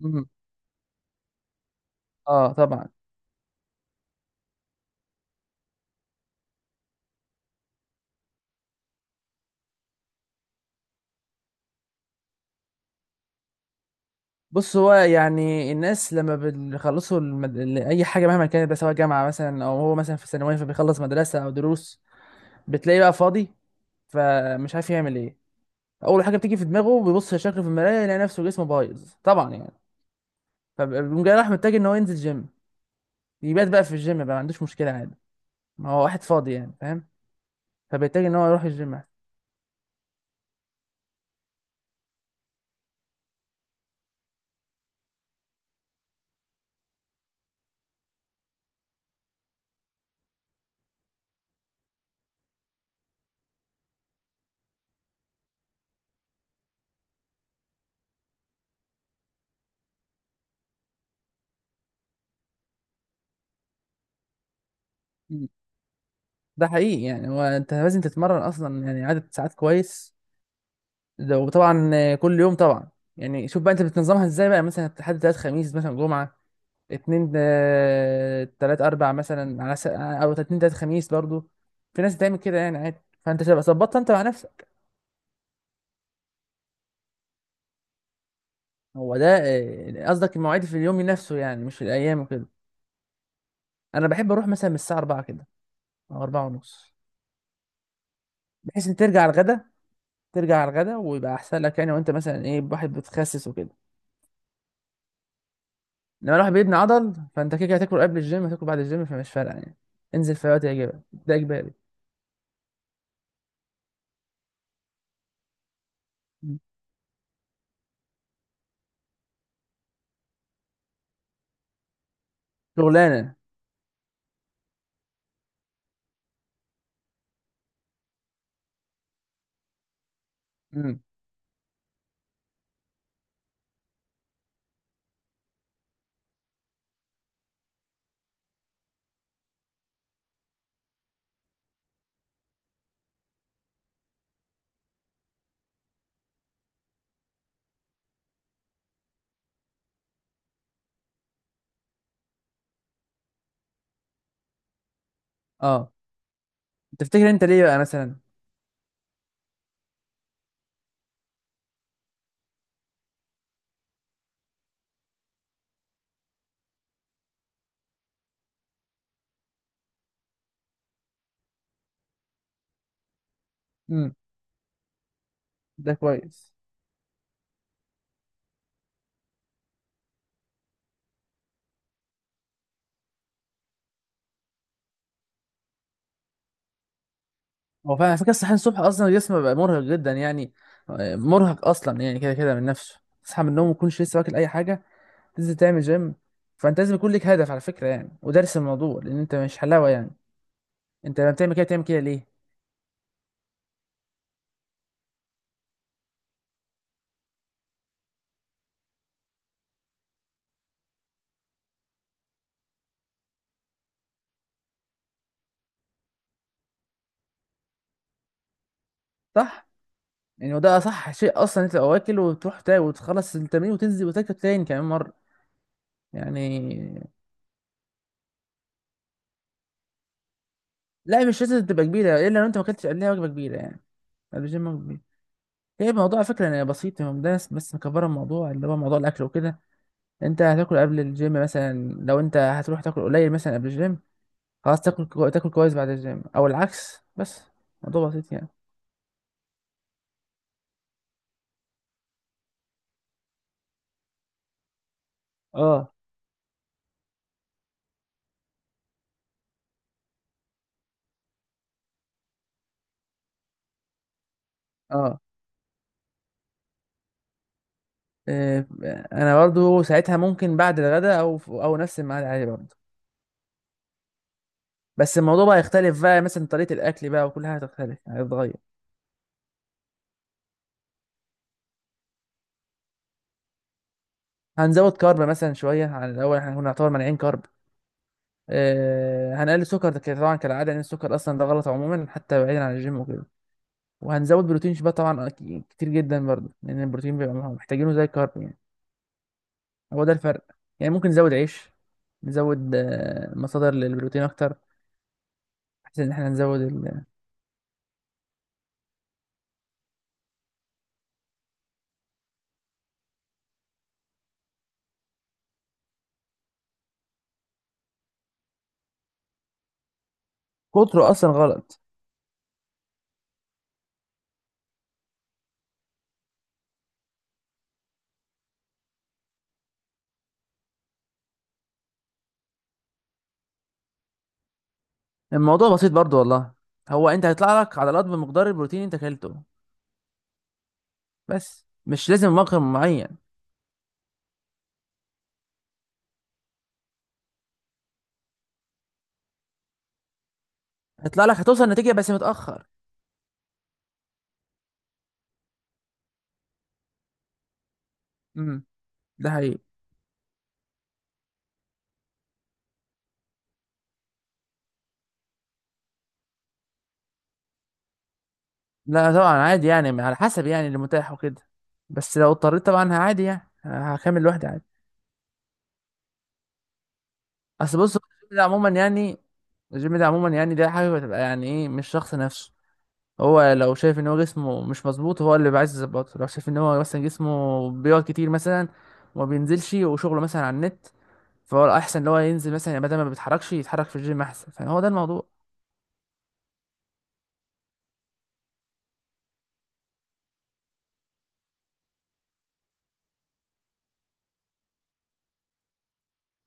مم. اه طبعا. بص، هو يعني الناس لما بيخلصوا اي حاجه مهما كانت بقى، سواء جامعه مثلا او هو مثلا في ثانويه فبيخلص مدرسه او دروس، بتلاقيه بقى فاضي، فمش عارف يعمل ايه. اول حاجه بتيجي في دماغه بيبص لشكله في المرايه، يلاقي نفسه جسمه بايظ طبعا يعني. فبيقوم جاي راح محتاج ان هو ينزل جيم، يبات بقى في الجيم بقى، ما عندوش مشكله عادي. ما هو واحد فاضي يعني، فاهم؟ فبيحتاج ان هو يروح الجيم. مم. ده حقيقي يعني، هو انت لازم تتمرن اصلا يعني عدد ساعات كويس، ده وطبعا كل يوم طبعا. يعني شوف بقى انت بتنظمها ازاي بقى، مثلا حد تلات خميس مثلا جمعة، اتنين تلات اربع، مثلا او اتنين تلات خميس برضو. في ناس بتعمل كده يعني عادي، فانت تبقى ظبطها انت مع نفسك. هو ده قصدك المواعيد في اليوم نفسه يعني، مش الايام وكده؟ انا بحب اروح مثلا من الساعة 4 كده او 4 ونص، بحيث ان ترجع على الغدا. ترجع على الغدا ويبقى احسن لك يعني، وانت مثلا ايه، واحد بتخسس وكده. لما الواحد بيبني عضل فانت كده كده هتاكل قبل الجيم، هتاكل بعد الجيم، فمش فارقه يعني. انزل في أي وقت يعجبك، ده اجباري. مم. شغلانه. امم. اه. تفتكر انت ليه بقى مثلا؟ امم. ده كويس. هو فعلا على فكره الصحيان الصبح اصلا الجسم بيبقى مرهق جدا يعني. مرهق اصلا يعني، كده كده من نفسه تصحى من النوم ما تكونش لسه واكل اي حاجه، تنزل تعمل جيم. فانت لازم يكون ليك هدف على فكره يعني، ودارس الموضوع، لان انت مش حلاوه يعني. انت لما بتعمل كده بتعمل كده ليه؟ صح، يعني وده اصح شيء اصلا، انت تبقى واكل وتروح وتخلص التمرين وتنزل وتاكل تاني كمان مره يعني. لا، مش لازم تبقى كبيره، الا لو انت ما اكلتش قبلها وجبه كبيره يعني. الجيم وجبه كبيره. هي الموضوع على فكره يعني بسيط يعني، ده ناس بس مكبره الموضوع، اللي هو موضوع الاكل وكده. انت هتاكل قبل الجيم مثلا، لو انت هتروح تاكل قليل مثلا قبل الجيم، خلاص تاكل تاكل كويس بعد الجيم، او العكس. بس موضوع بسيط يعني. اه. اه. إيه، انا برضو ساعتها ممكن بعد الغداء او او نفس الميعاد عادي برضو. بس الموضوع بقى يختلف بقى، مثلا طريقة الأكل بقى وكل حاجة هتختلف هتتغير. هنزود كارب مثلا شوية عن الأول، احنا كنا نعتبر مانعين كارب. آه، هنقلل سكر ده كده طبعا كالعادة، لأن السكر أصلا ده غلط عموما حتى بعيدا عن الجيم وكده. وهنزود بروتين بقى طبعا كتير جدا برضه، لأن البروتين بيبقى محتاجينه زي الكارب يعني. هو ده الفرق. يعني ممكن نزود عيش، نزود مصادر للبروتين أكتر، بحيث إن احنا نزود ال-. كتره أصلا غلط. الموضوع بسيط برضه والله، هو أنت هيطلع لك عضلات بمقدار البروتين أنت أكلته. بس مش لازم مقر معين. هيطلع لك، هتوصل نتيجة بس متأخر. امم. ده حقيقي. لا طبعا عادي يعني، على حسب يعني اللي متاح وكده. بس لو اضطريت طبعا عادي يعني هكمل لوحدي عادي. اصل بص الجيم ده عموما يعني، الجيم ده عموما يعني ده حاجة بتبقى يعني ايه، مش شخص نفسه. هو لو شايف ان هو جسمه مش مظبوط، هو اللي بيبقى عايز يظبطه. لو شايف ان هو مثلا جسمه بيقعد كتير مثلا وما بينزلش، وشغله مثلا على النت، فهو الاحسن ان هو ينزل مثلا يعني، بدل ما بيتحركش يتحرك في الجيم احسن، فهو ده الموضوع.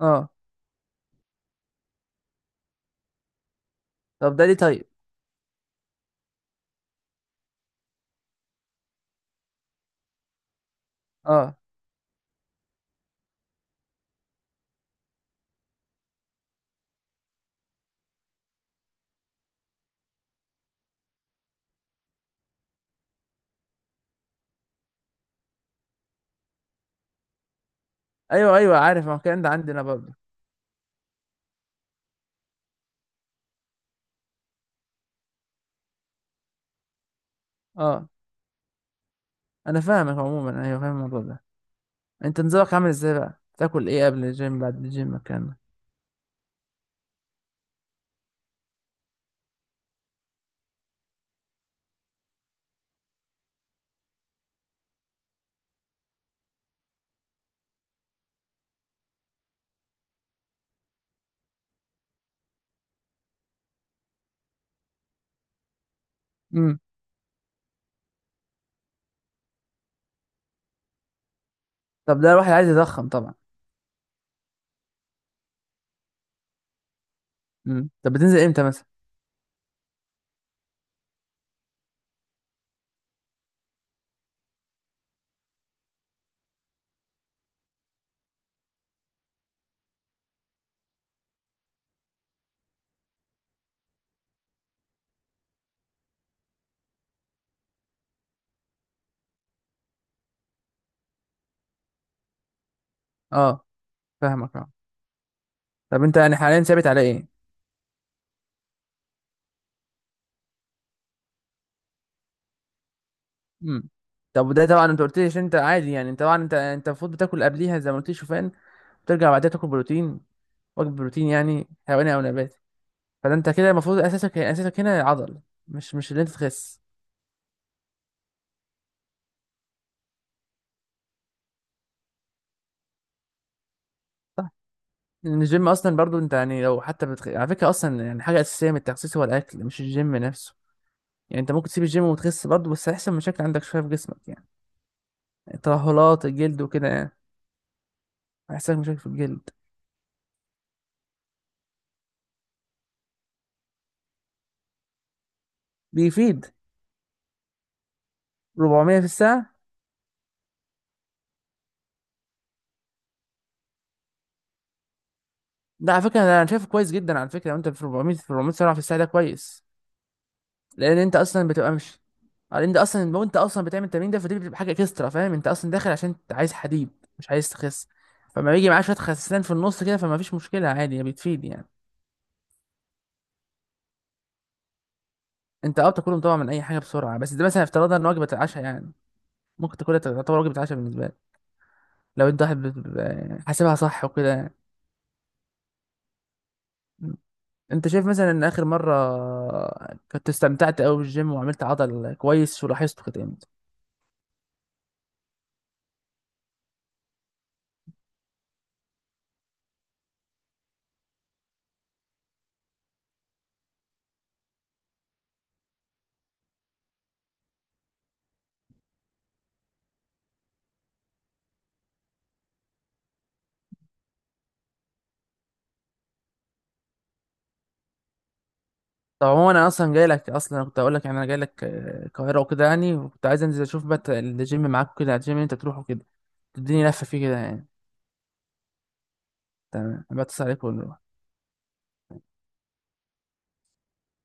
اه. طب ده ليه طيب؟ اه. ايوه ايوه عارف، ما هو الكلام ده عندنا برضه. اه، انا فاهمك عموما، ايوه فاهم الموضوع ده. انت نظامك عامل ازاي بقى، بتاكل ايه قبل الجيم بعد الجيم الكلام ده؟ امم. طب ده الواحد عايز يضخم طبعا. امم. طب بتنزل امتى مثلا؟ اه. فاهمك. اه. طب انت يعني حاليا ثابت على ايه؟ امم. طب ده طبعا، انت قلت لي عشان انت عادي يعني، انت طبعا انت المفروض بتاكل قبليها زي ما قلت لي شوفان، وترجع بعدها تاكل بروتين، وجبه بروتين يعني حيواني او نباتي. فده انت كده المفروض اساسك هنا عضل، مش اللي انت تخس. لأن الجيم اصلا برضو انت يعني لو حتى على فكره اصلا يعني حاجه اساسيه من التخسيس هو الاكل، مش الجيم نفسه. يعني انت ممكن تسيب الجيم وتخس برضو، بس هيحصل مشاكل عندك شويه في جسمك يعني، ترهلات الجلد وكده يعني. هيحصل لك مشاكل في الجلد. بيفيد. 400 في الساعه. ده على فكره انا شايفه كويس جدا على فكره، لو انت في 400، في 400 سرعه في الساعه، ده كويس. لان انت اصلا بتبقى مش، لان ده اصلا لو انت اصلا بتعمل التمرين ده، فدي بتبقى حاجه اكسترا، فاهم؟ انت اصلا داخل عشان انت عايز حديد، مش عايز تخس. فما بيجي معاه شويه خسسان في النص كده، فما فيش مشكله عادي، بتفيد يعني. انت اه بتاكلهم طبعا من اي حاجه بسرعه، بس ده مثلا افترضنا ان وجبه العشاء يعني، ممكن تاكلها تعتبر وجبه عشاء بالنسبه لك. لو انت واحد حاسبها صح وكده يعني. انت شايف مثلا ان اخر مره كنت استمتعت قوي بالجيم وعملت عضل كويس ولاحظته كده امتى؟ طب عموما انا اصلا جاي لك، اصلا كنت اقول لك يعني انا جاي لك القاهره وكده يعني، وكنت عايز انزل اشوف بقى الجيم معاك كده، الجيم اللي انت بتروحه كده، تديني لفه فيه كده يعني. تمام، بتصل عليك ونروح.